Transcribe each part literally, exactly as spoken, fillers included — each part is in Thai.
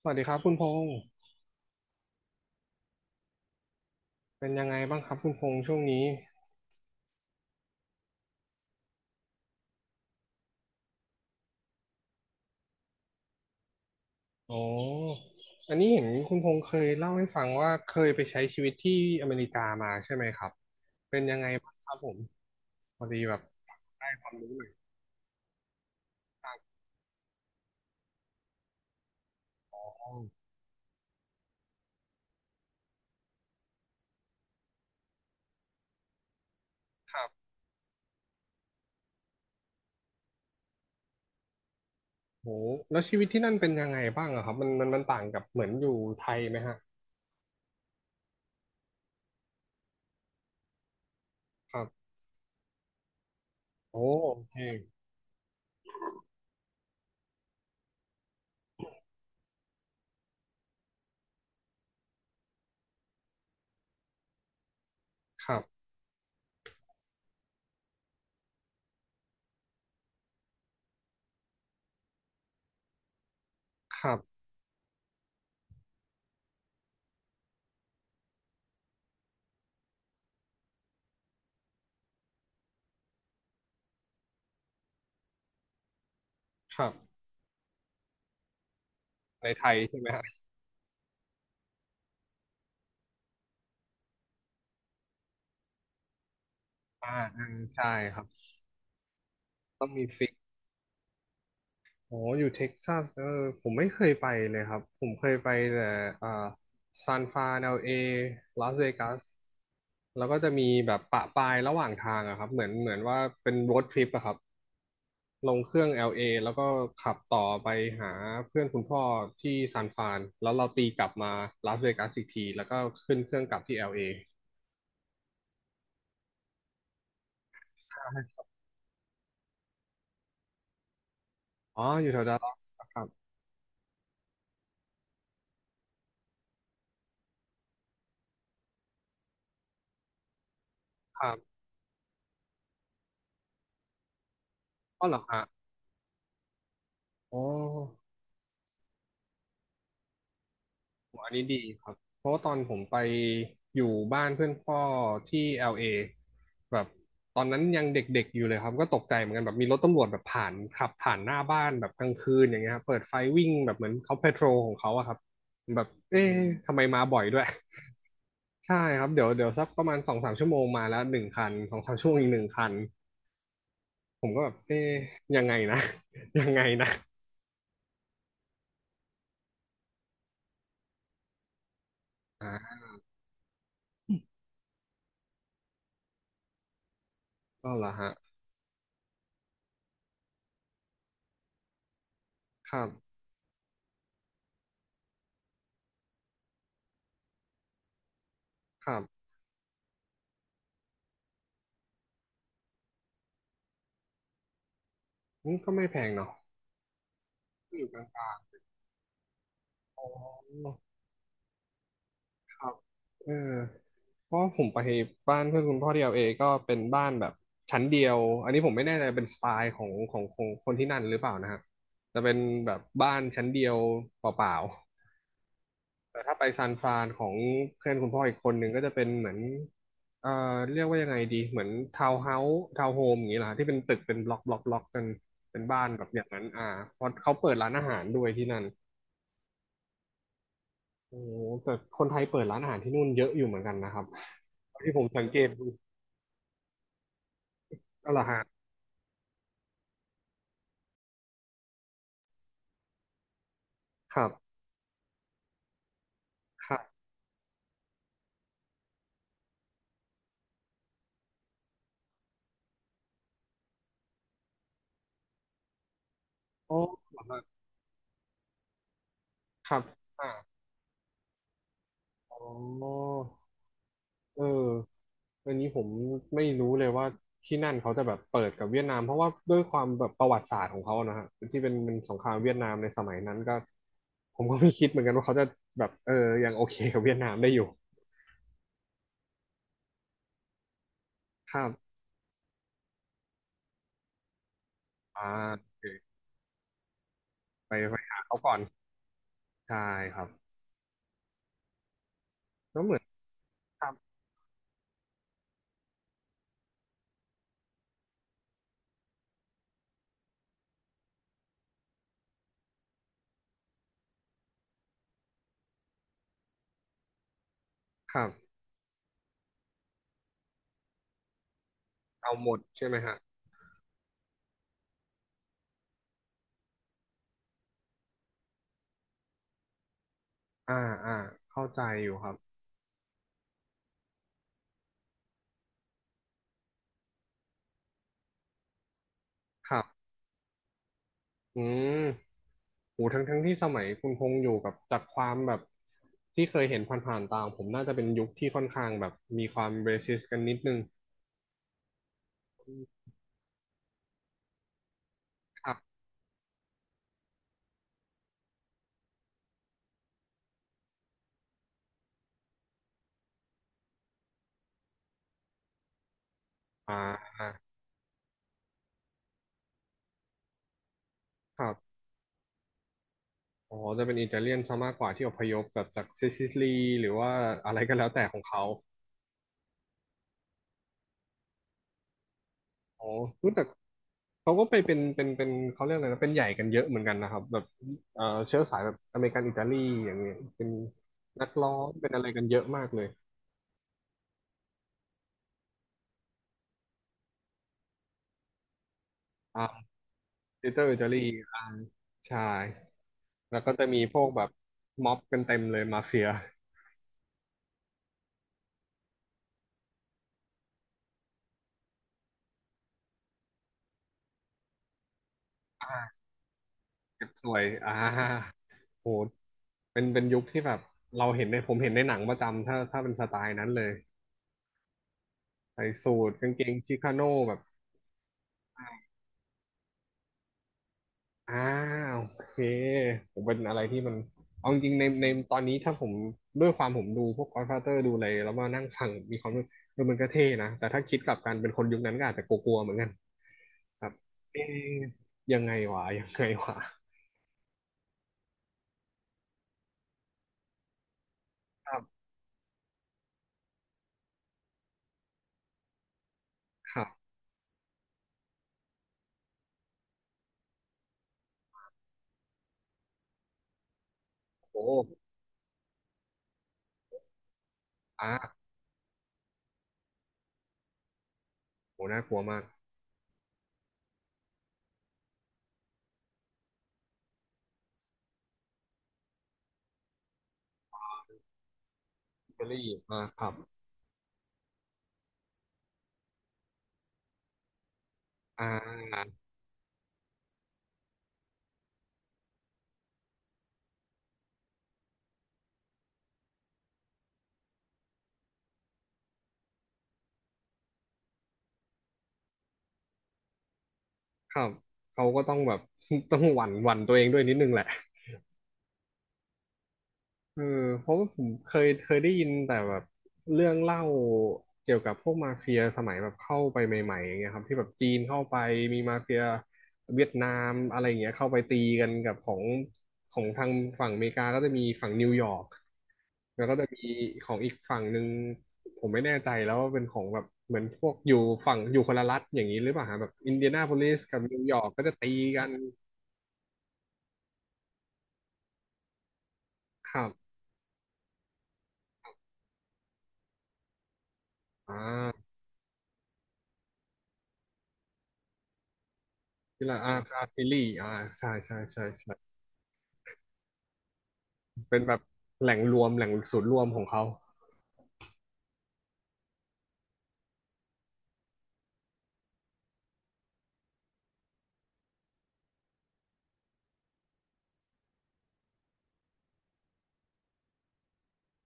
สวัสดีครับคุณพงษ์เป็นยังไงบ้างครับคุณพงษ์ช่วงนี้อ๋ออันนี้เห็นคุณพงษ์เคยเล่าให้ฟังว่าเคยไปใช้ชีวิตที่อเมริกามาใช่ไหมครับเป็นยังไงบ้างครับผมพอดีแบบได้ความรู้หน่อยต่างกัครับโหแล้วชีวิตที่นั่นเป็นยังไงบ้างอะครับมันมันมันต่างกับเหมือนอยู่ไทยไหมฮะครับโอ้โอเคครับครับครับในไทยใช่ไหมฮะอ่าอ่าใช่ครับต้องมีฟิก อ๋ออยู่เท็กซัสเออผมไม่เคยไปเลยครับผมเคยไปแต่อ่าซานฟรานเอลเอลาสเวกัสแล้วก็จะมีแบบปะปายระหว่างทางอะครับเหมือนเหมือนว่าเป็นโรดทริปอะครับลงเครื่อง แอล เอ แล้วก็ขับต่อไปหาเพื่อนคุณพ่อที่ซานฟรานแล้วเราตีกลับมาลาสเวกัสอีกทีแล้วก็ขึ้นเครื่องกลับที่ แอล เอ อลเออ๋ออยู่แถวดัลลัสครับครับอ๋อเหรอฮะอ๋อ อันนี้ดีครับ เพราะว่าตอนผมไปอยู่บ้านเพื่อนพ่อที่ แอล เอ แบบตอนนั้นยังเด็กๆอยู่เลยครับก็ตกใจเหมือนกันแบบมีรถตำรวจแบบผ่านขับผ่านหน้าบ้านแบบกลางคืนอย่างเงี้ยครับเปิดไฟวิ่งแบบเหมือนเขาเพโทรของเขาอะครับแบบเอ๊ะทำไมมาบ่อยด้วย ใช่ครับเดี๋ยวเดี๋ยวสักประมาณสองสามชั่วโมงมาแล้วหนึ่งคันสองสามชั่วโมงอีกหนึ่งคันผมก็แบบเอ๊ะยังไงนะ ยังไงนะอ่าก็เหรอฮะครับครับอืมก็ไม่แพงเนาะก็อยู่กลางๆ ครับเออเพราะผมไปบ้านเพื่อนคุณพ่อที่แอลเอก็เป็นบ้านแบบชั้นเดียวอันนี้ผมไม่แน่ใจเป็นสไตล์ของของของคนที่นั่นหรือเปล่านะฮะจะเป็นแบบบ้านชั้นเดียวเปล่าๆแต่ถ้าไปซานฟรานของเพื่อนคุณพ่ออีกคนหนึ่งก็จะเป็นเหมือนเอ่อเรียกว่ายังไงดีเหมือนทาวน์เฮาส์ทาวน์โฮมอย่างนี้เหรอฮะที่เป็นตึกเป็นบล็อกบล็อกบล็อกกันเป็นบ้านแบบอย่างนั้นอ่าเพราะเขาเปิดร้านอาหารด้วยที่นั่น โอ้โหแต่คนไทยเปิดร้านอาหารที่นู่นเยอะอยู่เหมือนกันนะครับที่ผมสังเกตดูอะไรอฮะครับครับอ๋อเรครับอ่าอ๋อเอออันนี้ผมไม่รู้เลยว่าที่นั่นเขาจะแบบเปิดกับเวียดนามเพราะว่าด้วยความแบบประวัติศาสตร์ของเขานะฮะที่เป็นเป็นสงครามเวียดนามในสมัยนั้นก็ผมก็ไม่คิดเหมือนกันว่าเขาจะแบบเออยังโอเคกับเวียดนามได้อยู่ครับอ่าโอเคไปไปหาเขาก่อนใช่ครับแล้วเหมือนครับครับ เอาหมดใช่ไหมฮะอ่าอ่าเข้าใจอยู่ครับ ครับอืมโหทั้งทั้งที่สมัยคุณพงษ์อยู่กับจากความแบบที่เคยเห็นผ่านๆตามผมน่าจะเป็นยุคที่ค่อนข้างแบบมีความเบสิสกันนิดนึงครับอ่าครับ อ๋อจะเป็นอิตาเลียนซะมากกว่าที่อพยพแบบจากซิซิลีหรือว่าอะไรก็แล้วแต่ของเขา โอ้รู้แต่เขาก็ไปเป็นเป็นเป็นเขาเรียกอะไรนะเป็นใหญ่กันเยอะเหมือนกันนะครับแบบเอ่อเชื้อสายแบบอเมริกันอิตาลีอย่างเงี้ยเป็นนักร้องเป็นอะไรกันเยอะมากเลยอ่าลิตเติ้ลอิตาลีอ่าใช่ แล้วก็จะมีพวกแบบม็อบกันเต็มเลยมาเฟียอ่าเก็บสวยอ่าโหเป็นเป็นยุคที่แบบเราเห็นในผมเห็นในหนังประจำถ้าถ้าเป็นสไตล์นั้นเลยใส่สูทกางเกงชิคาโน่แบบ อ่าโอเคผมเป็นอะไรที่มันเอาจริงๆในในตอนนี้ถ้าผมด้วยความผมดูพวก Godfather ดูอะไรแล้วมานั่งฟังมีความรู้เออมันก็เท่นะแต่ถ้าคิดกลับกันเป็นคนยุคนั้นก็อาจจะกลัวๆเหมือนกันครับเอ๊ะยังไงวะยังไงวะครับครับโอ้อ่าโหน่ากลัวมากเอรีอ่มาครับอ่าครับเขาก็ต้องแบบ ต้องหวั่นหวั่นตัวเองด้วยนิดนึงแหละ เออเพราะว่าผมเคยเคยได้ยินแต่แบบเรื่องเล่าเกี่ยวกับพวกมาเฟียสมัยแบบเข้าไปใหม่ๆอย่างเงี้ยครับที่แบบจีนเข้าไปมีมาเฟียเวียดนามอะไรอย่างเงี้ยเข้าไปตีกันกับของของทางฝั่งอเมริกาก็จะมีฝั่งนิวยอร์กแล้วก็จะมีของอีกฝั่งหนึ่งผมไม่แน่ใจแล้วว่าเป็นของแบบเหมือนพวกอยู่ฝั่งอยู่คนละรัฐอย่างนี้หรือเปล่าฮะแบบอินเดียนาโพลิสกับนิวยอร์กก็จะตีกันครับอ่าที่ละอ่าอาร์ซิลี่อ่าใช่ใช่ใช่ใช่ เป็นแบบแหล่งรวมแหล่งศูนย์รวมของเขา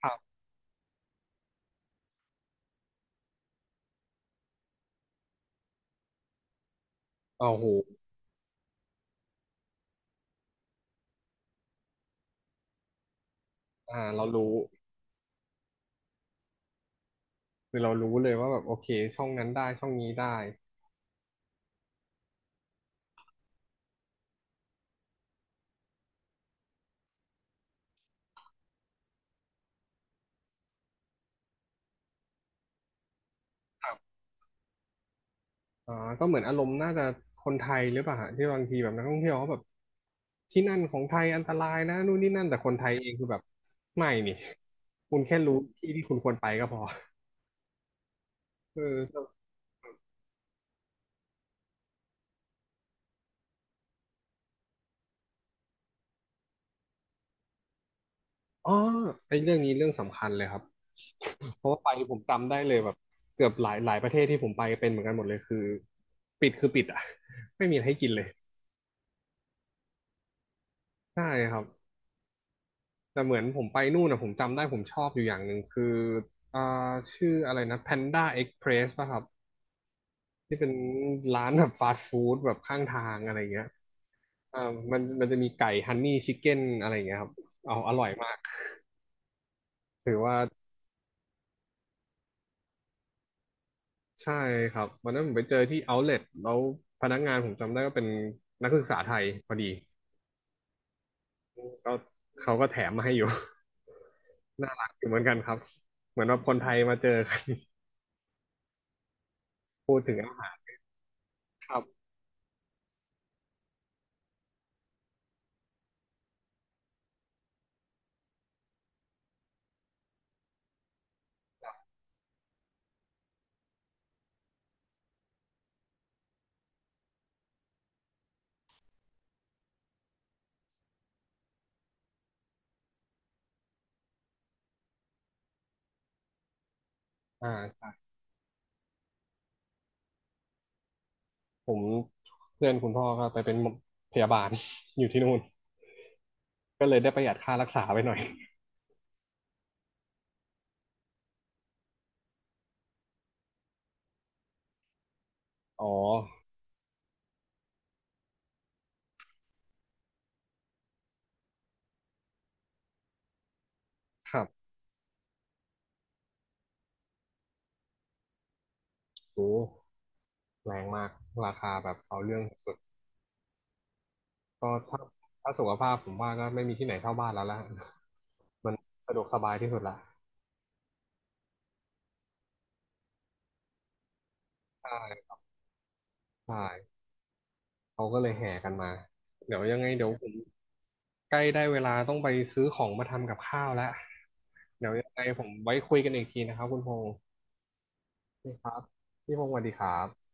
ครับโอ้โหอ่าเรารู้คือเรารู้เลยว่าแบบโอเคช่องนั้นได้ช่องนี้ได้อ่าก็เหมือนอารมณ์น่าจะคนไทยหรือเปล่าฮะที่บางทีแบบนักท่องเที่ยวเขาแบบที่นั่นของไทยอันตรายนะนู่นนี่นั่นแต่คนไทยเองคือแบบไม่นี่คุณแค่รู้ที่ที่คุณควรไปก็พอเออ อ๋อไอ้เรื่องนี้เรื่องสำคัญเลยครับเพราะว่าไปผมจำได้เลยแบบเกือบหลายหลายประเทศที่ผมไปเป็นเหมือนกันหมดเลยคือปิดคือปิดอ่ะ ไม่มีอะไรให้กินเลยใช่ครับแต่เหมือนผมไปนู่นนะผมจำได้ผมชอบอยู่อย่างหนึ่งคืออ่าชื่ออะไรนะ แพนด้าเอ็กซ์เพรส ป่ะครับที่เป็นร้านแบบฟาสต์ฟู้ดแบบข้างทางอะไรเงี้ยอ่ามันมันจะมีไก่ฮันนี่ชิคเก้นอะไรเงี้ยครับเอาอร่อยมากถือว่า ใช่ครับวันนั้นผมไปเจอที่ เอาท์เล็ท แล้วพนักงานผมจำได้ก็เป็นนักศึกษาไทยพอดีก็เขาก็แถมมาให้อยู่ น่ารักอยู่เหมือนกันครับเหมือนว่าคนไทยมาเจอกัน พูดถึงอาหารครับอ่าครับผมเพื่อนคุณพ่อก็ไปเป็นพยาบาล อยู่ที่นู่นก็เลยได้ประหยัดค่ารักษาไปหน่อย อ๋อครับโอ้แรงมากราคาแบบเอาเรื่องสุดก็ถ้าถ้าสุขภาพผมว่าก็ไม่มีที่ไหนเท่าบ้านแล้วละ มันสะดวกสบายที่สุดละใช่ ใช่เขาก็เลยแห่กันมา เดี๋ยวยังไงเดี๋ยวผมใกล้ได้เวลาต้องไปซื้อของมาทำกับข้าวแล้ว เดี๋ยวยังไงผมไว้คุยกันอีกทีนะครับคุณพงศ์นี่ครับพี่พงศ์สวัสดีครับ